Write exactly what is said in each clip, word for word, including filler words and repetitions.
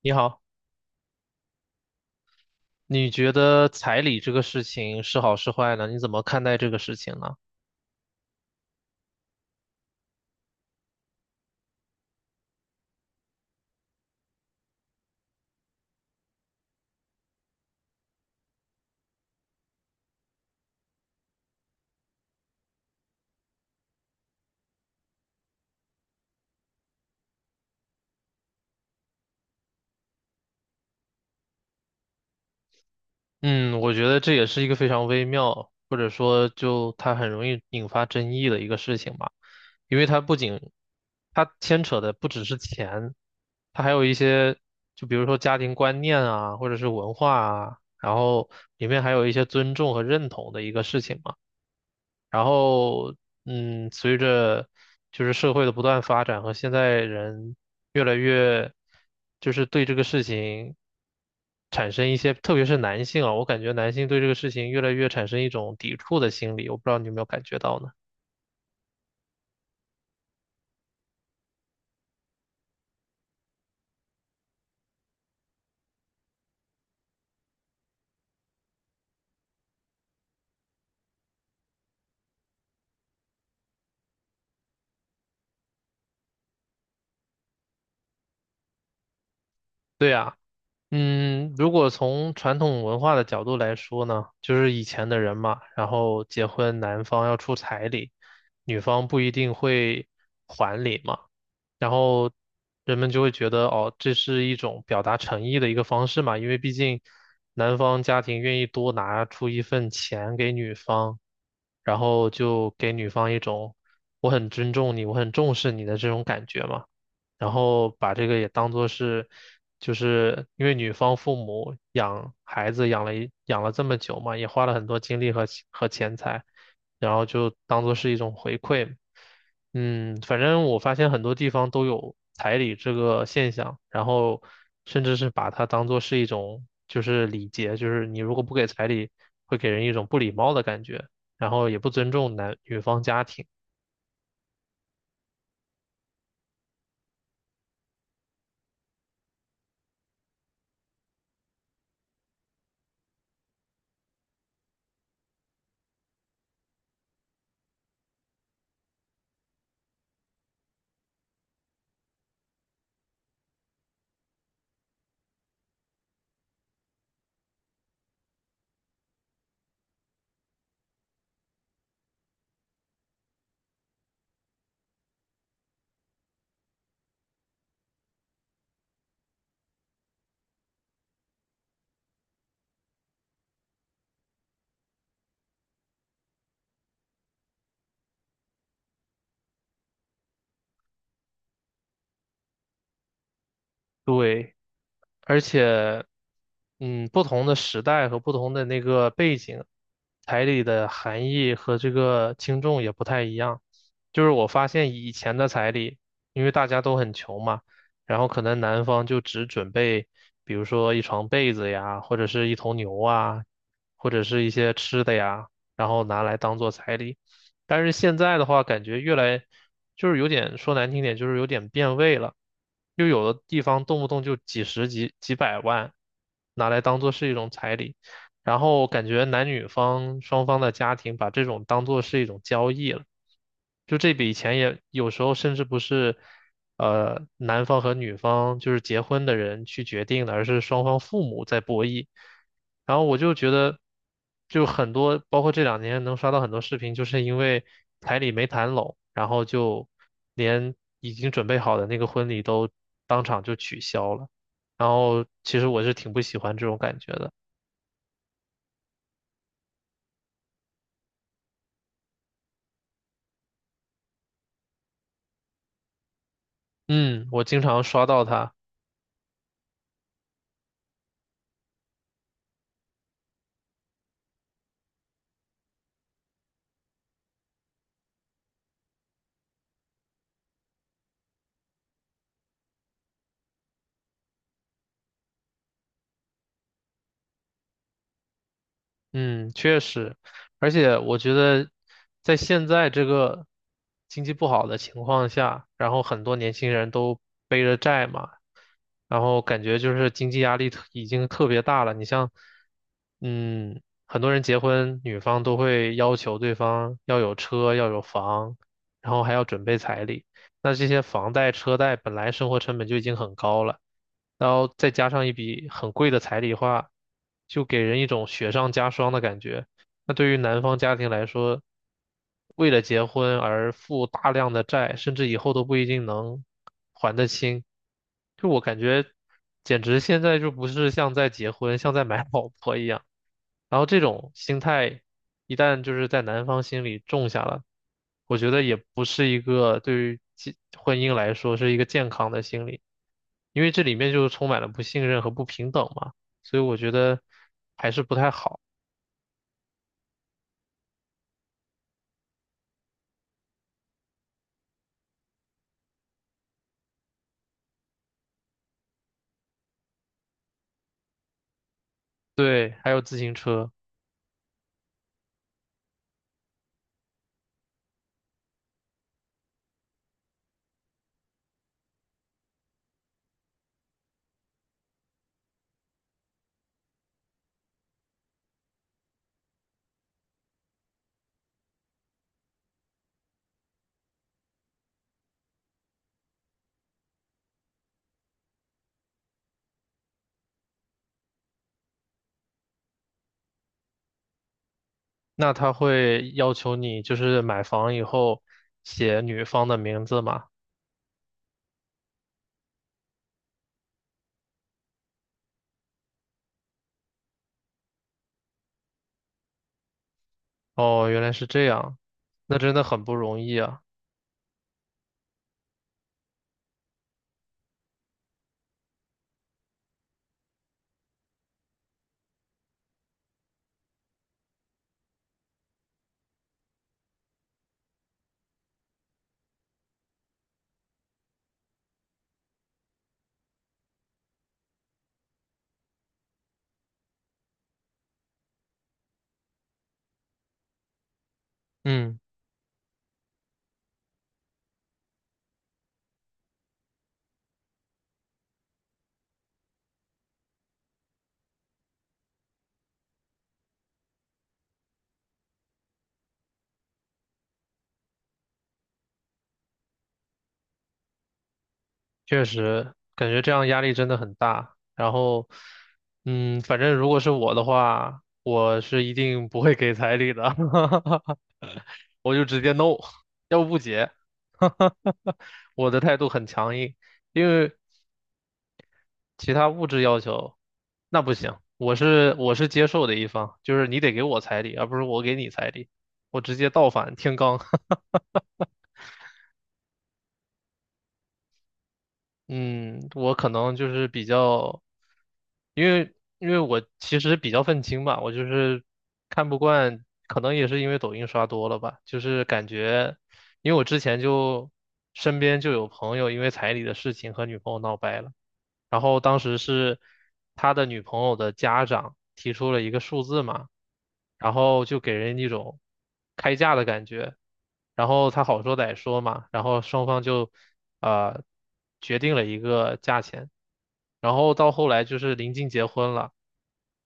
你好，你觉得彩礼这个事情是好是坏呢？你怎么看待这个事情呢？嗯，我觉得这也是一个非常微妙，或者说就它很容易引发争议的一个事情吧，因为它不仅它牵扯的不只是钱，它还有一些，就比如说家庭观念啊，或者是文化啊，然后里面还有一些尊重和认同的一个事情嘛。然后，嗯，随着就是社会的不断发展和现在人越来越，就是对这个事情产生一些，特别是男性啊，我感觉男性对这个事情越来越产生一种抵触的心理，我不知道你有没有感觉到呢？对啊，嗯，如果从传统文化的角度来说呢，就是以前的人嘛，然后结婚男方要出彩礼，女方不一定会还礼嘛。然后人们就会觉得哦，这是一种表达诚意的一个方式嘛，因为毕竟男方家庭愿意多拿出一份钱给女方，然后就给女方一种我很尊重你，我很重视你的这种感觉嘛。然后把这个也当做是，就是因为女方父母养孩子养了一养了这么久嘛，也花了很多精力和和钱财，然后就当做是一种回馈。嗯，反正我发现很多地方都有彩礼这个现象，然后甚至是把它当做是一种就是礼节，就是你如果不给彩礼，会给人一种不礼貌的感觉，然后也不尊重男女方家庭。对，而且，嗯，不同的时代和不同的那个背景，彩礼的含义和这个轻重也不太一样。就是我发现以前的彩礼，因为大家都很穷嘛，然后可能男方就只准备，比如说一床被子呀，或者是一头牛啊，或者是一些吃的呀，然后拿来当做彩礼。但是现在的话，感觉越来就是有点说难听点，就是有点变味了。就有的地方动不动就几十几几百万，拿来当做是一种彩礼。然后感觉男女方双方的家庭把这种当做是一种交易了，就这笔钱也有时候甚至不是，呃，男方和女方就是结婚的人去决定的，而是双方父母在博弈。然后我就觉得，就很多，包括这两年能刷到很多视频，就是因为彩礼没谈拢，然后就连已经准备好的那个婚礼都当场就取消了。然后其实我是挺不喜欢这种感觉的。嗯，我经常刷到他。嗯，确实，而且我觉得在现在这个经济不好的情况下，然后很多年轻人都背着债嘛，然后感觉就是经济压力特已经特别大了。你像，嗯，很多人结婚，女方都会要求对方要有车，要有房，然后还要准备彩礼。那这些房贷、车贷本来生活成本就已经很高了，然后再加上一笔很贵的彩礼花，就给人一种雪上加霜的感觉。那对于男方家庭来说，为了结婚而负大量的债，甚至以后都不一定能还得清。就我感觉，简直现在就不是像在结婚，像在买老婆一样。然后这种心态一旦就是在男方心里种下了，我觉得也不是一个对于健婚姻来说是一个健康的心理，因为这里面就充满了不信任和不平等嘛，所以我觉得还是不太好。对，还有自行车，那他会要求你就是买房以后写女方的名字嘛？哦，原来是这样，那真的很不容易啊。嗯。确实，感觉这样压力真的很大。然后，嗯，反正如果是我的话，我是一定不会给彩礼的，我就直接 no，要不不结。我的态度很强硬，因为其他物质要求那不行，我是我是接受的一方，就是你得给我彩礼，而不是我给你彩礼，我直接倒反天罡。嗯，我可能就是比较，因为因为我其实比较愤青吧，我就是看不惯，可能也是因为抖音刷多了吧，就是感觉，因为我之前就身边就有朋友因为彩礼的事情和女朋友闹掰了。然后当时是他的女朋友的家长提出了一个数字嘛，然后就给人一种开价的感觉，然后他好说歹说嘛，然后双方就呃决定了一个价钱，然后到后来就是临近结婚了，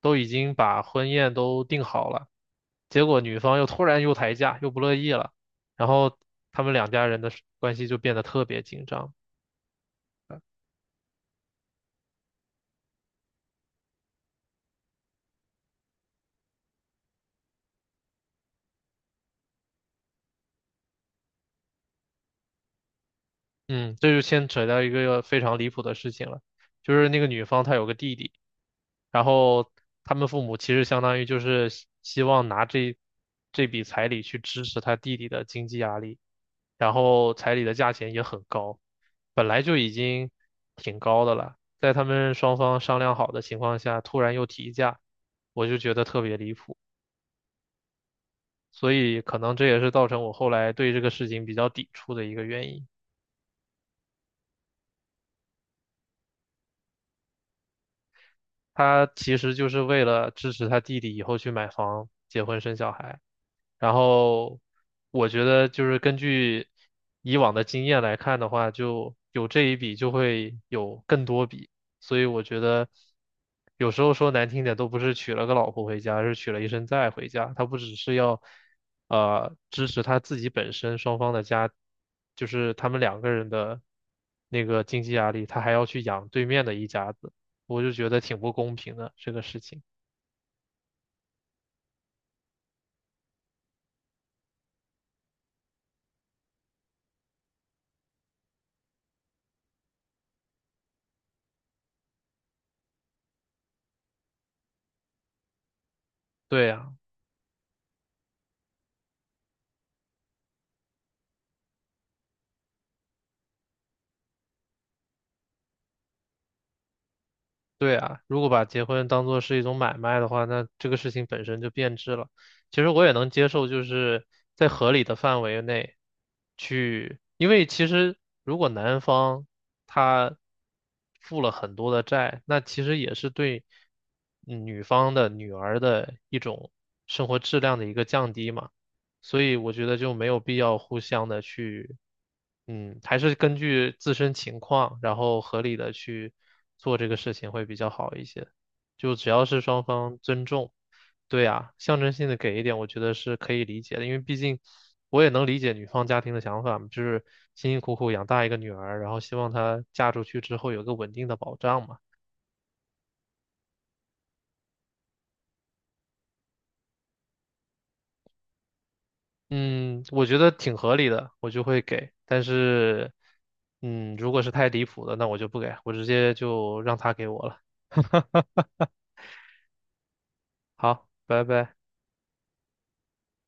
都已经把婚宴都定好了，结果女方又突然又抬价，又不乐意了，然后他们两家人的关系就变得特别紧张。嗯，这就牵扯到一个非常离谱的事情了，就是那个女方她有个弟弟，然后他们父母其实相当于就是希希望拿这这笔彩礼去支持他弟弟的经济压力，然后彩礼的价钱也很高，本来就已经挺高的了，在他们双方商量好的情况下，突然又提价，我就觉得特别离谱，所以可能这也是造成我后来对这个事情比较抵触的一个原因。他其实就是为了支持他弟弟以后去买房、结婚、生小孩。然后我觉得就是根据以往的经验来看的话，就有这一笔就会有更多笔，所以我觉得有时候说难听点，都不是娶了个老婆回家，而是娶了一身债回家。他不只是要呃支持他自己本身双方的家，就是他们两个人的那个经济压力，他还要去养对面的一家子。我就觉得挺不公平的这个事情。对呀，对呀，如果把结婚当做是一种买卖的话，那这个事情本身就变质了。其实我也能接受，就是在合理的范围内去，因为其实如果男方他负了很多的债，那其实也是对女方的女儿的一种生活质量的一个降低嘛。所以我觉得就没有必要互相的去，嗯，还是根据自身情况，然后合理的去做这个事情会比较好一些。就只要是双方尊重，对啊，象征性的给一点，我觉得是可以理解的，因为毕竟我也能理解女方家庭的想法嘛，就是辛辛苦苦养大一个女儿，然后希望她嫁出去之后有个稳定的保障嘛。嗯，我觉得挺合理的，我就会给。但是，嗯，如果是太离谱的，那我就不给，我直接就让他给我了。好，拜拜。